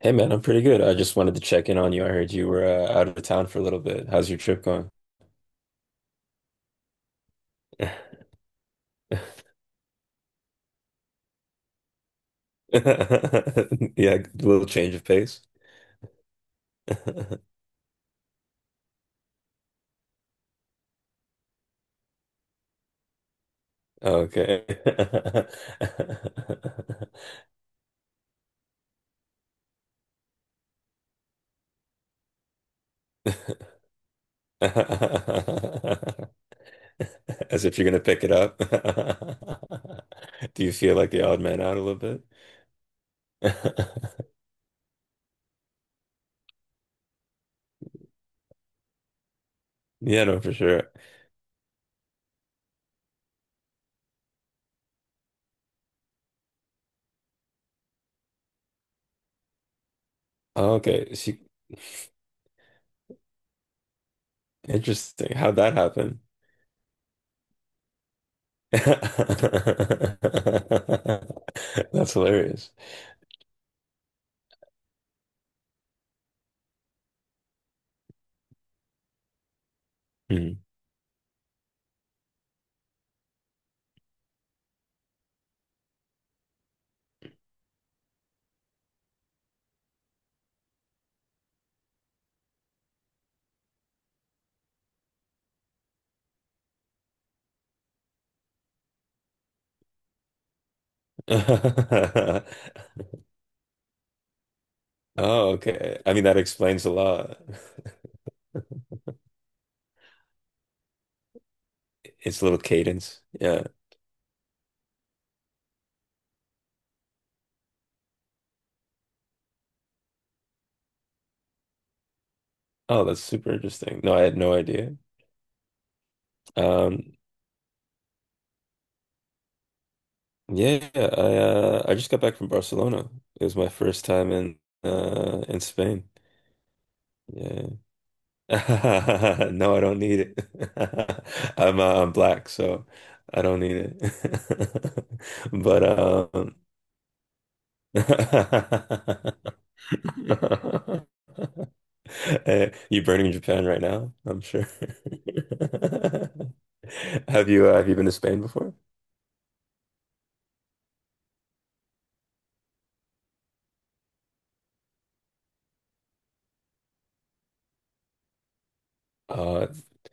Hey man, I'm pretty good. I just wanted to check in on you. I heard you were out of town for a little bit. How's your trip going? Yeah, a little change of pace. Okay. As if you're gonna pick it up. Do you feel like the odd man out a little bit? Yeah, no, for sure. Oh, okay, interesting. How'd that happen? That's hilarious. Hmm. Oh, okay. I mean, that explains a lot. It's a little cadence. Yeah. Oh, that's super interesting. No, I had no idea. Um, yeah, I just got back from Barcelona. It was my first time in in Spain. Yeah. No, I don't need it. I'm black, so I don't need it. But you burning Japan right now? I'm sure. Have you been to Spain before? Uh,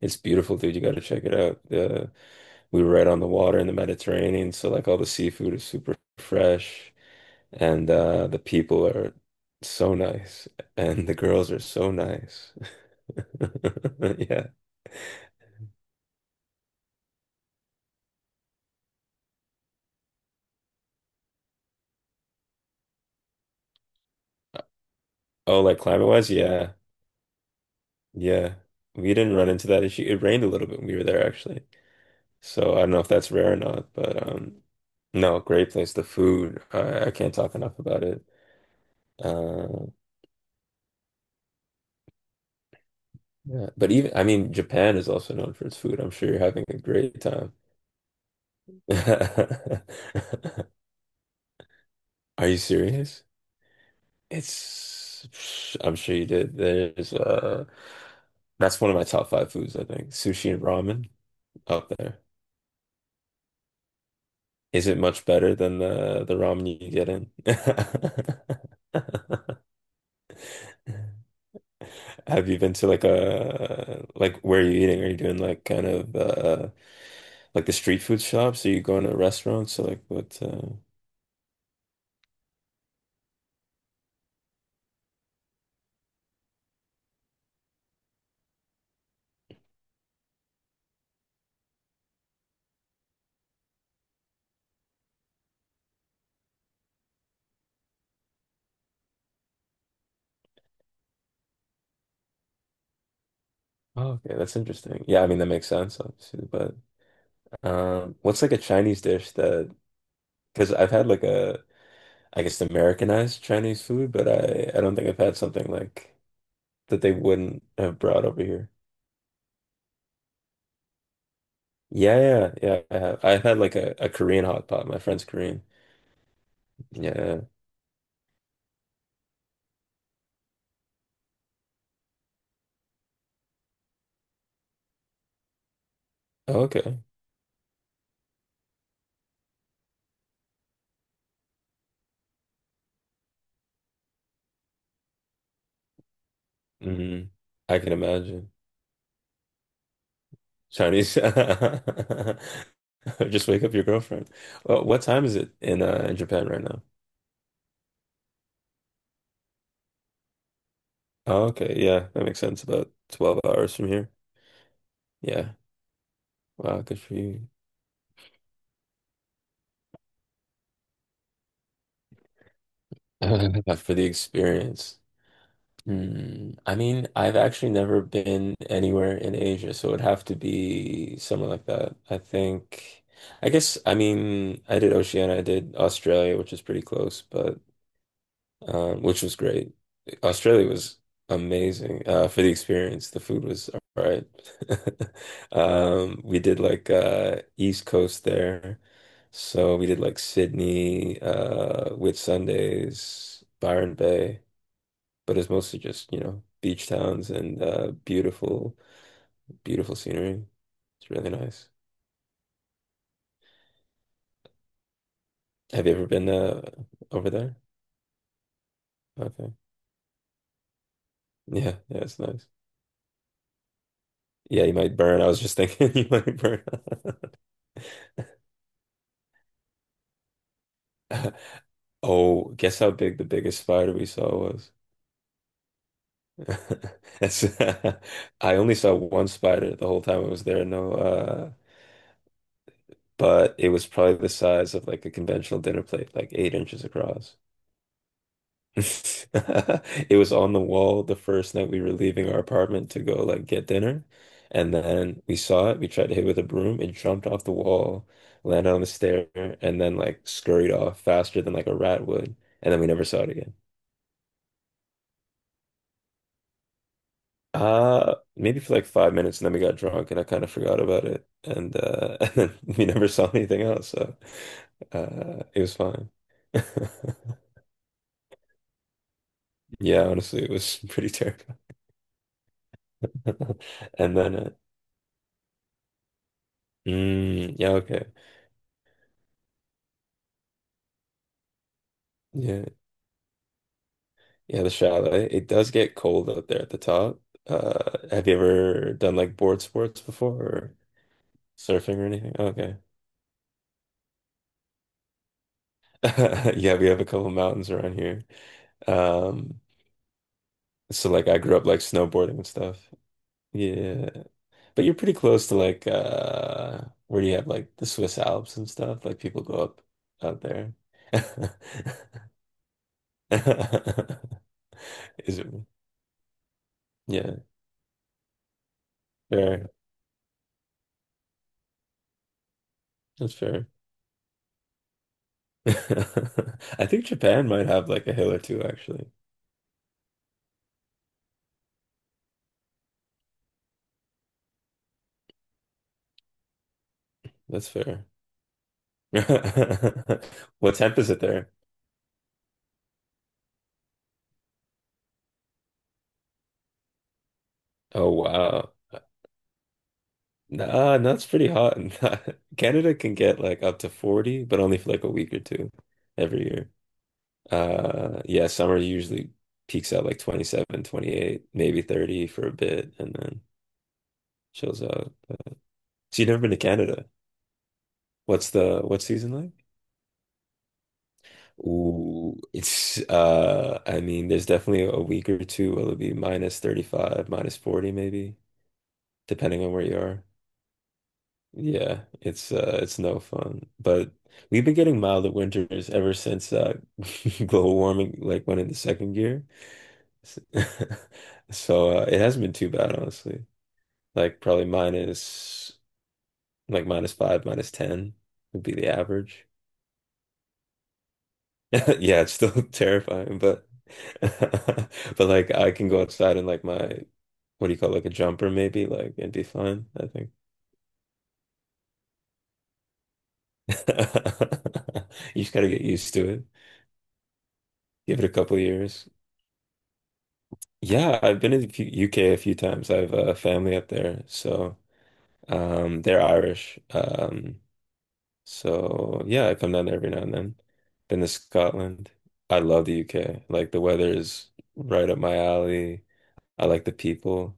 it's beautiful, dude. You got to check it out. We were right on the water in the Mediterranean, so like all the seafood is super fresh, and the people are so nice, and the girls are so nice. Yeah. Oh, like climate wise, yeah, yeah. We didn't run into that issue. It rained a little bit when we were there, actually. So I don't know if that's rare or not, but no, great place. The food, I can't talk enough about it. Uh, yeah, but even I mean, Japan is also known for its food. I'm sure you're having a great time. Are you serious? It's, I'm sure you did. There's that's one of my top five foods, I think. Sushi and ramen up there. Is it much better than the ramen you get in? Have you been to like where are you eating? Are you doing like kind of like the street food shops? Are you going to restaurants? So like what oh, okay, that's interesting. Yeah, I mean that makes sense obviously, but what's like a Chinese dish that because I've had like a I guess Americanized Chinese food, but I don't think I've had something like that they wouldn't have brought over here. Yeah, yeah, I have. I've had like a Korean hot pot. My friend's Korean. Yeah. Oh, okay. hmm I can imagine. Chinese. Just wake up your girlfriend. Well, what time is it in in Japan right now? Oh, okay, yeah, that makes sense. About 12 hours from here. Yeah. Wow, good for you. For the experience. Hmm. I mean, I've actually never been anywhere in Asia, so it would have to be somewhere like that. I mean, I did Oceania, I did Australia, which is pretty close, but which was great. Australia was amazing for the experience. The food was all right. We did like East Coast there, so we did like Sydney, Whitsundays, Byron Bay, but it's mostly just, you know, beach towns and beautiful, beautiful scenery. It's really nice. Have you ever been over there? Okay. Yeah, yeah, it's nice. Yeah, you might burn. I was just thinking you might burn. Oh, guess how big the biggest spider we saw was? That's I only saw one spider the whole time I was there. No, but it was probably the size of like a conventional dinner plate, like 8 inches across. It was on the wall the first night we were leaving our apartment to go like get dinner, and then we saw it. We tried to hit it with a broom. It jumped off the wall, landed on the stair, and then like scurried off faster than like a rat would, and then we never saw it again. Maybe for like 5 minutes, and then we got drunk, and I kind of forgot about it, and and then we never saw anything else, so it was fine. Yeah, honestly, it was pretty terrible. And then, yeah, okay, yeah, yeah, the chalet. It does get cold up there at the top. Have you ever done like board sports before or surfing or anything? Okay, yeah, we have a couple mountains around here. Um, so like I grew up like snowboarding and stuff. Yeah. But you're pretty close to like where do you have like the Swiss Alps and stuff? Like people go up out there. Is it? Yeah, fair. That's fair. I think Japan might have like a hill or two actually. That's fair. What temp is it there? Oh wow. Nah, no, it's pretty hot. Canada can get like up to 40, but only for like a week or two every year. Yeah, summer usually peaks out like 27, 28, maybe 30 for a bit and then chills out. But- So you've never been to Canada. What's the what's season like? Ooh, it's I mean there's definitely a week or two where it'll be minus 35, minus 40 maybe, depending on where you are. Yeah, it's no fun. But we've been getting milder winters ever since global warming like went into second gear. So it hasn't been too bad honestly. Like probably minus like minus five, minus ten would be the average. Yeah, it's still terrifying, but but like I can go outside in like my what do you call it, like a jumper maybe like and be fine, I think. You just gotta get used to it. Give it a couple years. Yeah, I've been in the UK a few times. I have a family up there, so they're Irish. So yeah, I come down there every now and then. Been to Scotland. I love the UK. Like the weather is right up my alley. I like the people.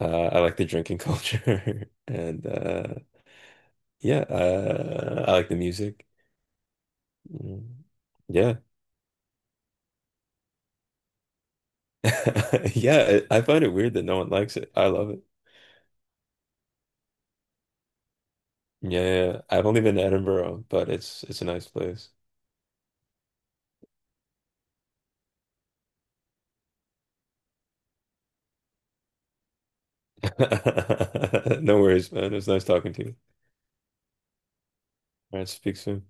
I like the drinking culture, and yeah, I like the music. Mm, yeah, yeah. I find it weird that no one likes it. I love it. Yeah. I've only been to Edinburgh, but it's a nice place. No worries, man. It was nice talking to you. All right, speak soon.